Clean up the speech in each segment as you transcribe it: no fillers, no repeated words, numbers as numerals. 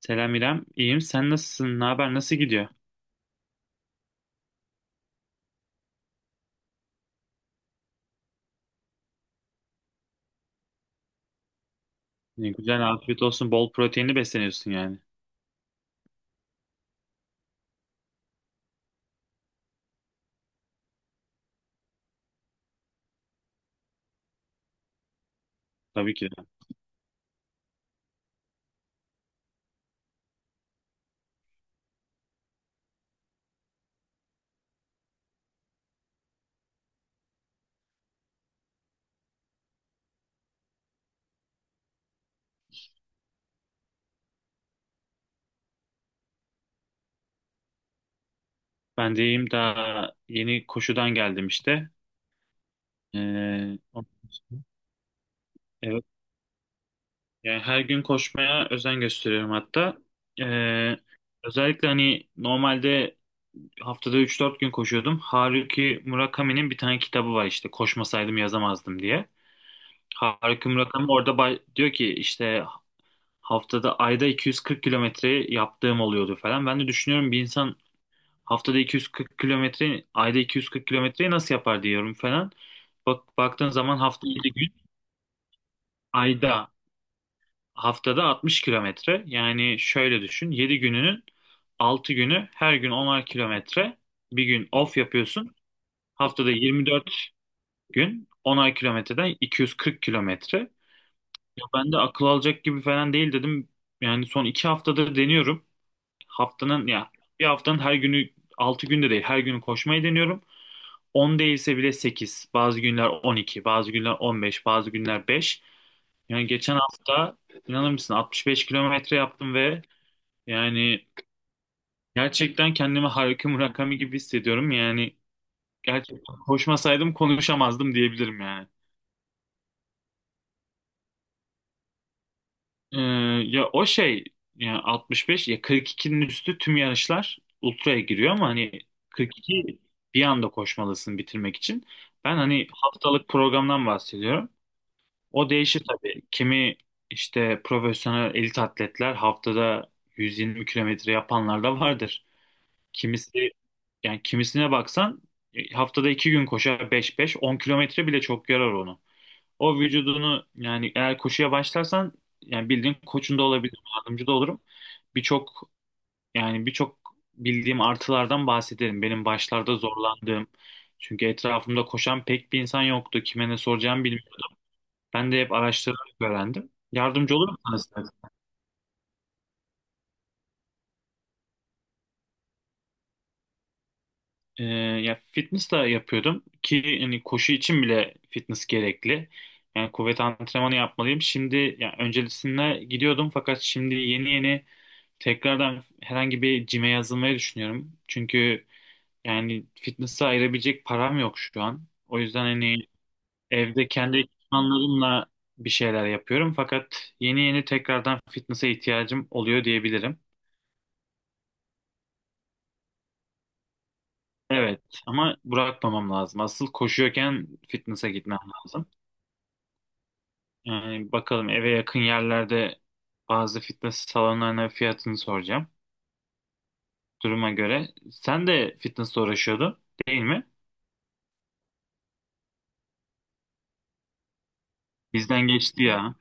Selam İrem. İyiyim. Sen nasılsın? Ne haber? Nasıl gidiyor? İyi, güzel, afiyet olsun. Bol proteinli besleniyorsun yani. Tabii ki de. Ben de iyiyim. Daha yeni koşudan geldim işte. Ee, ondan sonra- evet. Yani her gün koşmaya özen gösteriyorum hatta. Ee, Özellikle hani normalde haftada üç dört gün koşuyordum. Haruki Murakami'nin bir tane kitabı var işte. Koşmasaydım yazamazdım diye. Haruki Murakami orada diyor ki işte ayda 240 kilometre yaptığım oluyordu falan. Ben de düşünüyorum bir insan haftada 240 kilometre, ayda 240 kilometreyi nasıl yapar diyorum falan. Bak baktığın zaman hafta 7 gün, ayda haftada 60 kilometre. Yani şöyle düşün, 7 gününün 6 günü her gün 10'ar kilometre. Bir gün off yapıyorsun. Haftada 24 gün 10'ar kilometreden 240 kilometre. Ya, ben de akıl alacak gibi falan değil dedim. Yani son 2 haftadır deniyorum. Haftanın ya bir haftanın her günü 6 günde değil her günü koşmayı deniyorum. 10 değilse bile 8, bazı günler 12, bazı günler 15, bazı günler 5. Yani geçen hafta inanır mısın 65 kilometre yaptım ve yani gerçekten kendimi Haruki Murakami gibi hissediyorum. Yani gerçekten koşmasaydım konuşamazdım diyebilirim yani. Ee, ya o şey ya 65 ya 42'nin üstü tüm yarışlar ultraya giriyor ama hani 42 bir anda koşmalısın bitirmek için. Ben hani haftalık programdan bahsediyorum. O değişir tabii. Kimi işte profesyonel elit atletler haftada 120 kilometre yapanlar da vardır. Kimisi kimisine baksan haftada 2 gün koşar 5-5 10 kilometre bile çok yarar onu. O vücudunu yani eğer koşuya başlarsan yani bildiğin koçun da olabilirim, yardımcı da olurum. Birçok birçok bildiğim artılardan bahsederim. Benim başlarda zorlandığım. Çünkü etrafımda koşan pek bir insan yoktu. Kime ne soracağımı bilmiyordum. Ben de hep araştırarak öğrendim. Yardımcı olurum sana zaten. Ee, Ya fitness da yapıyordum ki hani koşu için bile fitness gerekli. Yani kuvvet antrenmanı yapmalıyım. Şimdi yani öncesinde gidiyordum fakat şimdi yeni yeni tekrardan herhangi bir cime yazılmayı düşünüyorum. Çünkü yani fitness'a ayırabilecek param yok şu an. O yüzden hani evde kendi ekipmanlarımla bir şeyler yapıyorum. Fakat yeni yeni tekrardan fitness'a ihtiyacım oluyor diyebilirim. Evet, ama bırakmamam lazım. Asıl koşuyorken fitness'a gitmem lazım. Yani bakalım eve yakın yerlerde bazı fitness salonlarına fiyatını soracağım. Duruma göre. Sen de fitness'la uğraşıyordun değil mi? Bizden geçti ya.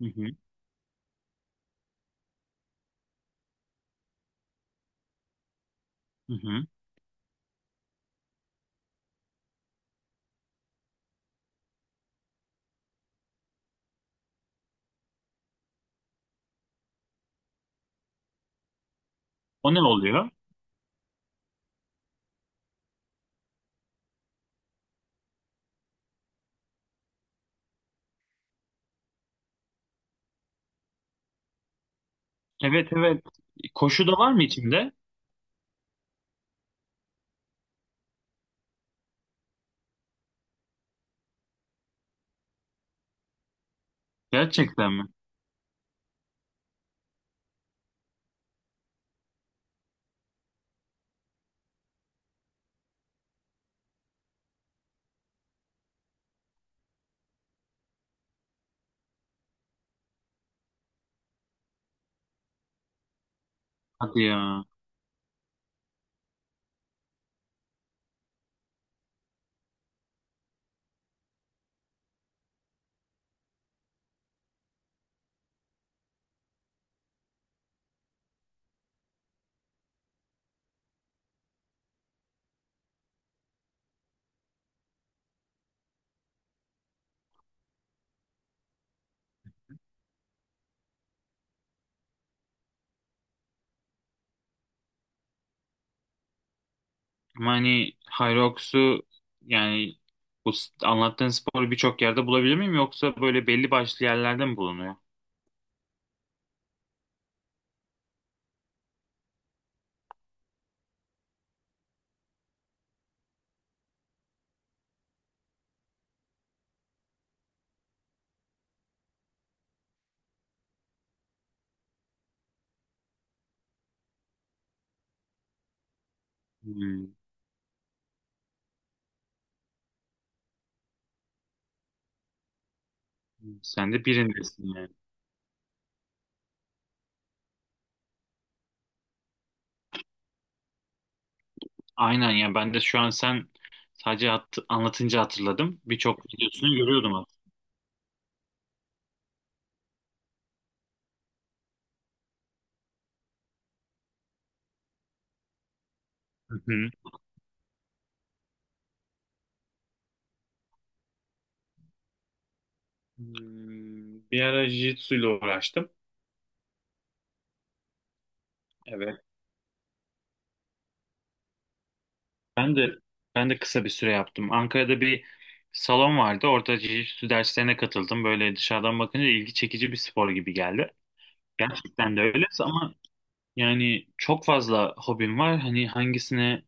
Hı hı. O ne oluyor? Evet, evet. Koşu da var mı içinde? Gerçekten mi? Hadi ya. Ama hani Hyrox'u yani anlattığın sporu birçok yerde bulabilir miyim yoksa böyle belli başlı yerlerde mi bulunuyor? Hmm. Sen de birindesin yani. Aynen ya ben de şu an sen sadece anlatınca hatırladım. Birçok videosunu görüyordum aslında. Hı hı. Hmm, bir ara Jiu-Jitsu ile uğraştım. Evet. Ben de ben de kısa bir süre yaptım. Ankara'da bir salon vardı. Orada jiu-jitsu derslerine katıldım. Böyle dışarıdan bakınca ilgi çekici bir spor gibi geldi. Gerçekten de öyle ama yani çok fazla hobim var. Hani hangisine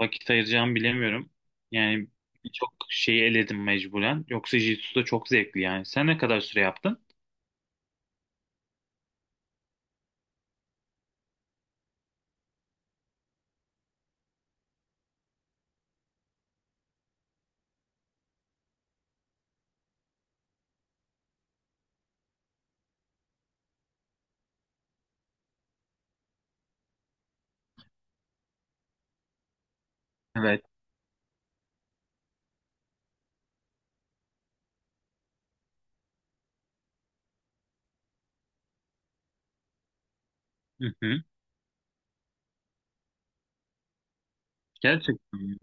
vakit ayıracağımı bilemiyorum. Yani birçok şeyi eledim mecburen. Yoksa jiu-jitsu da çok zevkli yani. Sen ne kadar süre yaptın? Evet. Hı hı. Gerçekten mi?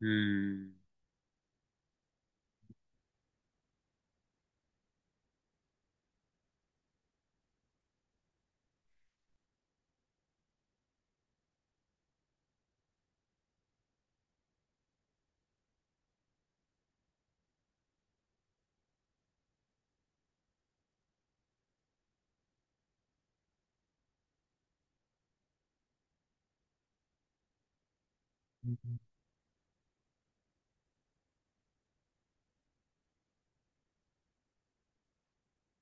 Hmm.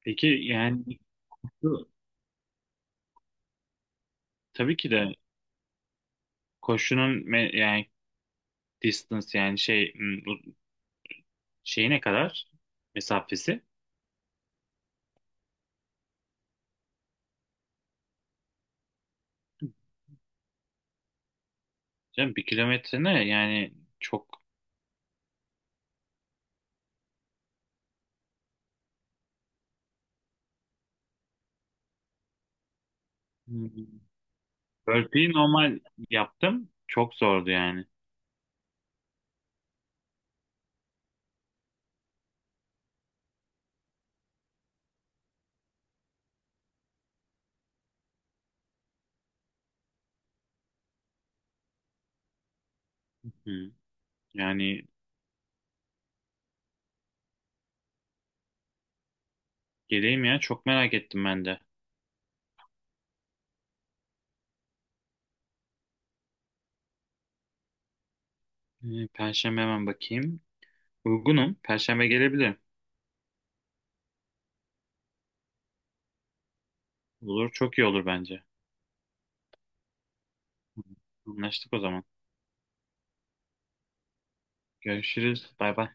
Peki yani bu- tabii ki de koşunun yani distance yani şey şeyi ne kadar mesafesi? Canım bir kilometre ne yani çok. Hmm. Burpee'yi normal yaptım. Çok zordu yani. Hmm. Yani geleyim ya çok merak ettim ben de. Perşembe hemen bakayım. Uygunum. Perşembe gelebilirim. Olur çok iyi olur bence. Hı. Anlaştık o zaman. Görüşürüz. Bay bay.